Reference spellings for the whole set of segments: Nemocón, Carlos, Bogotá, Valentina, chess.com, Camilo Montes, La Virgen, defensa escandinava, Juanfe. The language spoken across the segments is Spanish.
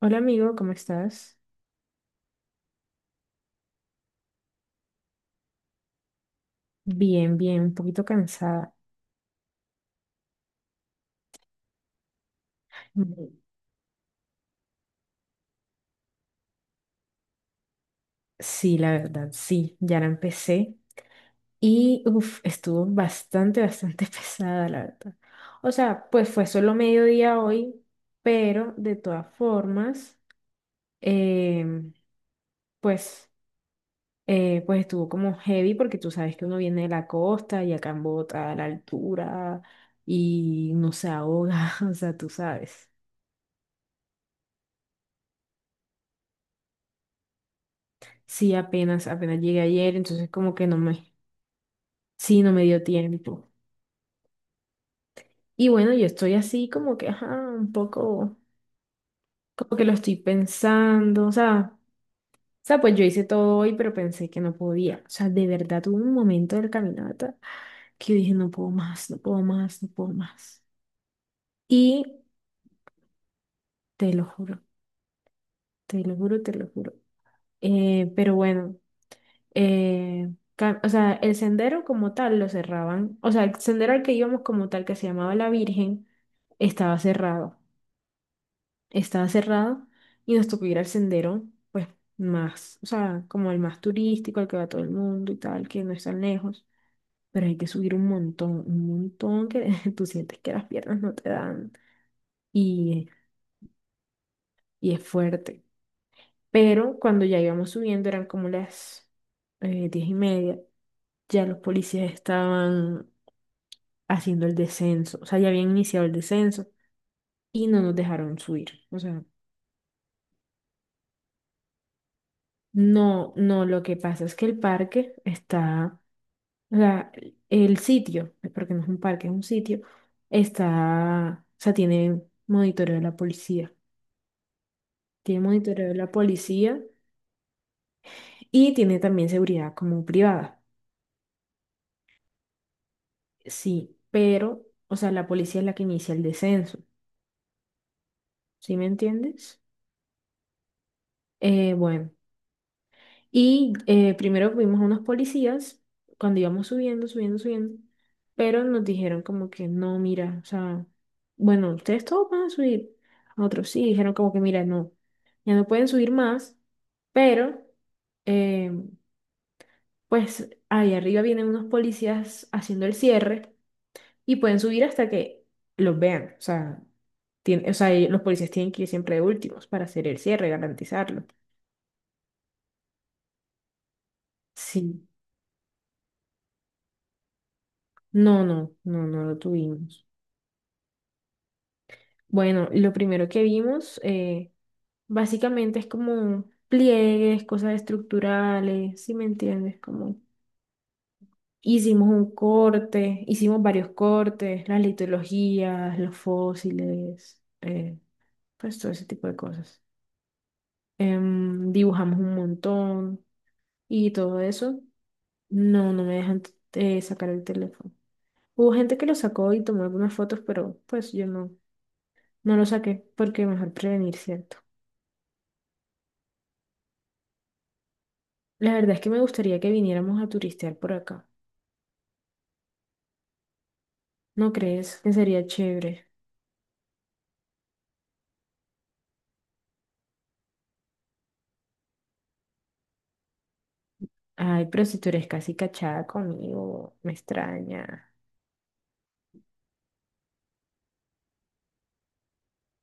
Hola amigo, ¿cómo estás? Bien, bien, un poquito cansada. Mm. Sí, la verdad, sí, ya la empecé y uf, estuvo bastante, bastante pesada, la verdad. O sea, pues fue solo mediodía hoy, pero de todas formas, em, pues, pues estuvo como heavy porque tú sabes que uno viene de la costa y acá en Bogotá, a la altura, y no se ahoga, o sea, tú sabes. Sí, apenas, apenas llegué ayer, entonces como que no me... Sí, no me dio tiempo. Y bueno, yo estoy así como que, ajá, un poco, como que lo estoy pensando, o sea, pues yo hice todo hoy, pero pensé que no podía. O sea, de verdad tuve un momento del caminata que yo dije, no puedo más, no puedo más, no puedo más. Y te lo juro, te lo juro, te lo juro. Pero bueno, o sea, el sendero como tal lo cerraban, o sea, el sendero al que íbamos como tal, que se llamaba La Virgen, estaba cerrado. Estaba cerrado y nos tocó ir al sendero, pues más, o sea, como el más turístico, al que va todo el mundo y tal, que no es tan lejos, pero hay que subir un montón que tú sientes que las piernas no te dan, y, y es fuerte. Pero cuando ya íbamos subiendo eran como las 10:30, ya los policías estaban haciendo el descenso, o sea, ya habían iniciado el descenso y no nos dejaron subir. O sea, no, no, lo que pasa es que el parque está... O sea, el sitio, porque no es un parque, es un sitio, está, o sea, tiene monitoreo de la policía. Tiene monitoreo de la policía y tiene también seguridad como privada. Sí, pero, o sea, la policía es la que inicia el descenso. ¿Sí me entiendes? Bueno, y primero vimos a unos policías cuando íbamos subiendo, subiendo, subiendo, pero nos dijeron como que no, mira, o sea, bueno, ustedes todos van a subir. Otros sí, dijeron como que mira, no, ya no pueden subir más, pero eh, pues ahí arriba vienen unos policías haciendo el cierre y pueden subir hasta que los vean. O sea, tien- o sea, ellos, los policías tienen que ir siempre de últimos para hacer el cierre, garantizarlo. Sí, no, no, no, no lo tuvimos. Bueno, lo primero que vimos, básicamente, es como pliegues, cosas estructurales, ¿si me entiendes? Como hicimos un corte, hicimos varios cortes, las litologías, los fósiles, pues todo ese tipo de cosas. Dibujamos un montón y todo eso. No, no me dejan sacar el teléfono. Hubo gente que lo sacó y tomó algunas fotos, pero pues yo no, no lo saqué porque mejor prevenir, ¿cierto? La verdad es que me gustaría que viniéramos a turistear por acá. ¿No crees que sería chévere? Ay, pero si tú eres casi cachada conmigo, me extraña.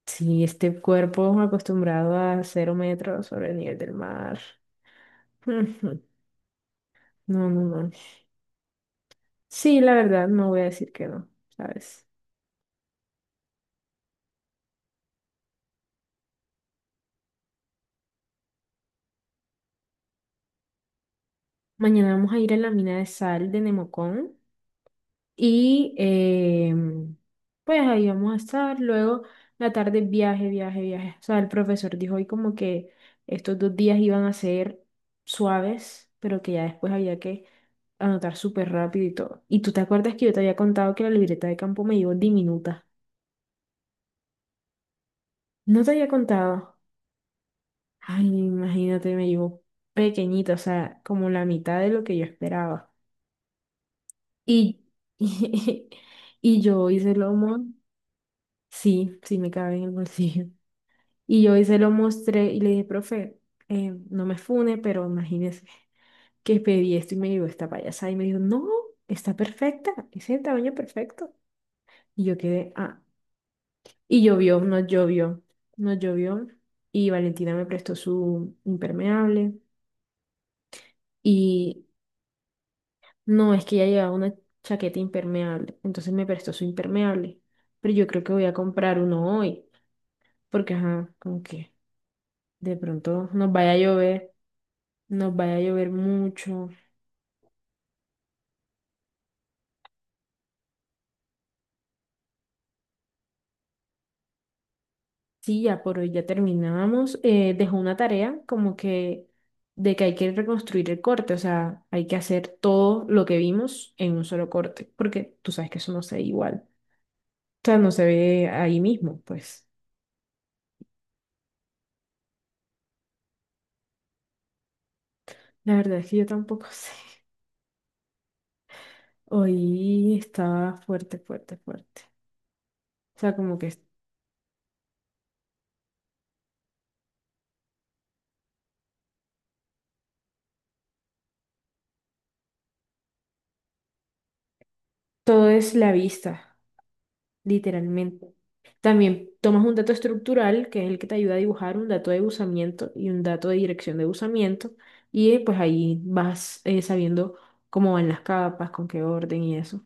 Sí, este cuerpo acostumbrado a 0 metros sobre el nivel del mar. Ujú. No, no, no. Sí, la verdad, no voy a decir que no, ¿sabes? Mañana vamos a ir a la mina de sal de Nemocón. Y pues ahí vamos a estar. Luego, la tarde, viaje, viaje, viaje. O sea, el profesor dijo hoy como que estos 2 días iban a ser suaves, pero que ya después había que anotar súper rápido y todo. ¿Y tú te acuerdas que yo te había contado que la libreta de campo me llevó diminuta? No te había contado. Ay, imagínate, me llevó pequeñita, o sea, como la mitad de lo que yo esperaba. Y, y, yo hice lo mon-. Sí, sí me cabe en el bolsillo. Y yo hoy se lo mostré y le dije, profe, no me fune, pero imagínese que pedí esto y me llegó esta payasada. Y me dijo, no, está perfecta, es el tamaño perfecto. Y yo quedé, ah, y llovió, nos llovió, nos llovió. Y Valentina me prestó su impermeable. Y no, es que ella llevaba una chaqueta impermeable, entonces me prestó su impermeable. Pero yo creo que voy a comprar uno hoy, porque, ajá, como que de pronto nos vaya a llover, nos vaya a llover mucho. Sí, ya por hoy ya terminamos. Dejó una tarea como que de que hay que reconstruir el corte, o sea, hay que hacer todo lo que vimos en un solo corte, porque tú sabes que eso no se ve igual. O sea, no se ve ahí mismo, pues. La verdad es que yo tampoco sé. Hoy estaba fuerte, fuerte, fuerte. O sea, como que todo es la vista. Literalmente. También tomas un dato estructural, que es el que te ayuda a dibujar un dato de usamiento y un dato de dirección de usamiento, y pues ahí vas sabiendo cómo van las capas, con qué orden y eso.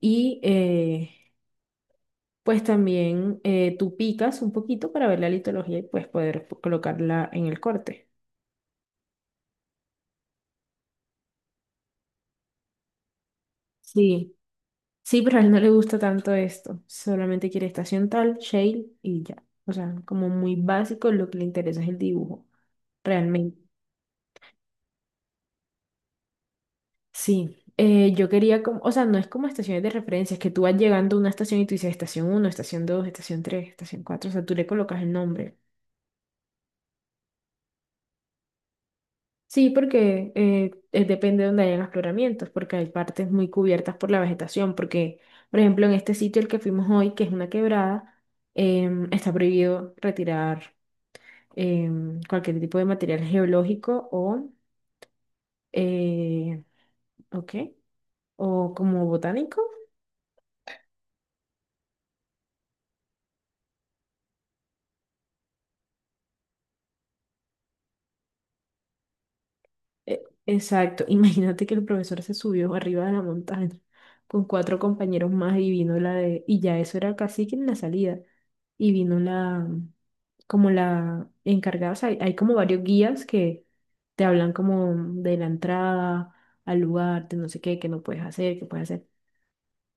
Y pues también tú picas un poquito para ver la litología y pues poder po- colocarla en el corte. Sí, sí, pero a él no le gusta tanto esto, solamente quiere estación tal, shale y ya. O sea, como muy básico, lo que le interesa es el dibujo, realmente. Sí, yo quería como, o sea, no es como estaciones de referencia, es que tú vas llegando a una estación y tú dices estación uno, estación 2, estación tres, estación cuatro, o sea, tú le colocas el nombre. Sí, porque depende de donde hayan afloramientos, porque hay partes muy cubiertas por la vegetación, porque, por ejemplo, en este sitio el que fuimos hoy, que es una quebrada, está prohibido retirar cualquier tipo de material geológico eh, ¿o qué? O como botánico. Exacto. Imagínate que el profesor se subió arriba de la montaña con cuatro compañeros más y vino la de, y ya eso era casi que en la salida. Y vino la, como la encargada, o sea, hay como varios guías que te hablan como de la entrada al lugar, de no sé qué, que no puedes hacer, que puedes hacer.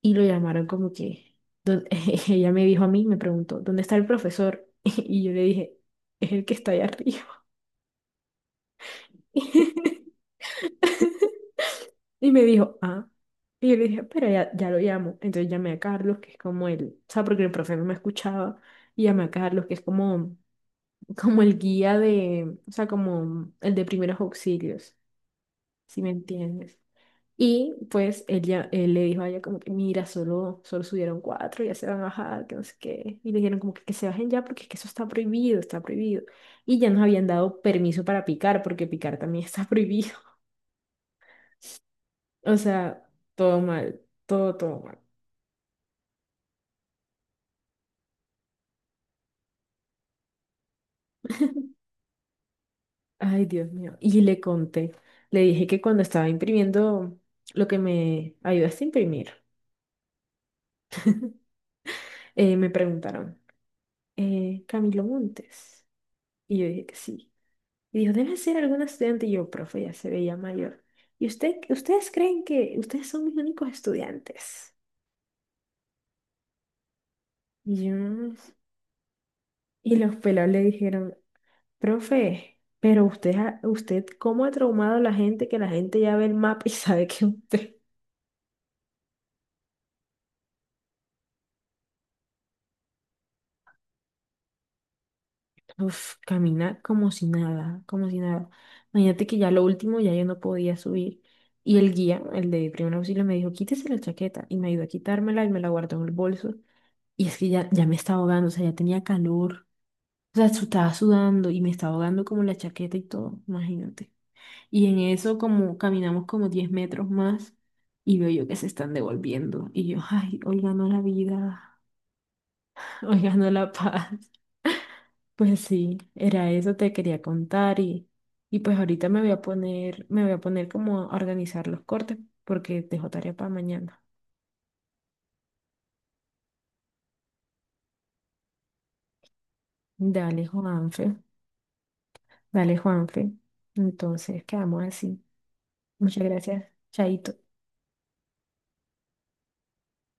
Y lo llamaron como que, don-, ella me dijo a mí, me preguntó, ¿dónde está el profesor? Y yo le dije, es el que está ahí arriba. Y me dijo, ah. Y yo le dije, pero ya, ya lo llamo. Entonces llamé a Carlos, que es como el, o sea, porque el profe no me escuchaba. Y llamé a Carlos, que es como el guía de, o sea, como el de primeros auxilios, si me entiendes. Y pues él, ya, él le dijo a ella como que, mira, solo, solo subieron cuatro, ya se van a bajar, que no sé qué. Y le dijeron como que se bajen ya porque es que eso está prohibido, está prohibido. Y ya nos habían dado permiso para picar, porque picar también está prohibido. O sea, todo mal, todo, todo mal. Ay, Dios mío. Y le conté, le dije que cuando estaba imprimiendo lo que me ayudaste a imprimir, me preguntaron, Camilo Montes. Y yo dije que sí. Y dijo, debe ser algún estudiante. Y yo, profe, ya se veía mayor. ¿Y usted, ustedes creen que ustedes son mis únicos estudiantes? Y yo, y los pelados le dijeron, profe, pero usted, ¿cómo ha traumado a la gente que la gente ya ve el mapa y sabe que usted? Uf, camina como si nada, como si nada. Imagínate que ya lo último ya yo no podía subir. Y el guía, el de primer auxilio, me dijo, quítese la chaqueta. Y me ayudó a quitármela y me la guardó en el bolso. Y es que ya, ya me estaba ahogando, o sea, ya tenía calor. O sea, su- estaba sudando y me estaba ahogando como la chaqueta y todo, imagínate. Y en eso como caminamos como 10 metros más y veo yo que se están devolviendo. Y yo, ay, hoy ganó la vida, hoy ganó la paz. Pues sí, era eso te quería contar y pues ahorita me voy a poner, me voy a poner como a organizar los cortes porque dejo tarea para mañana. Dale, Juanfe, dale, Juanfe. Entonces, quedamos así. Muchas gracias, Chaito.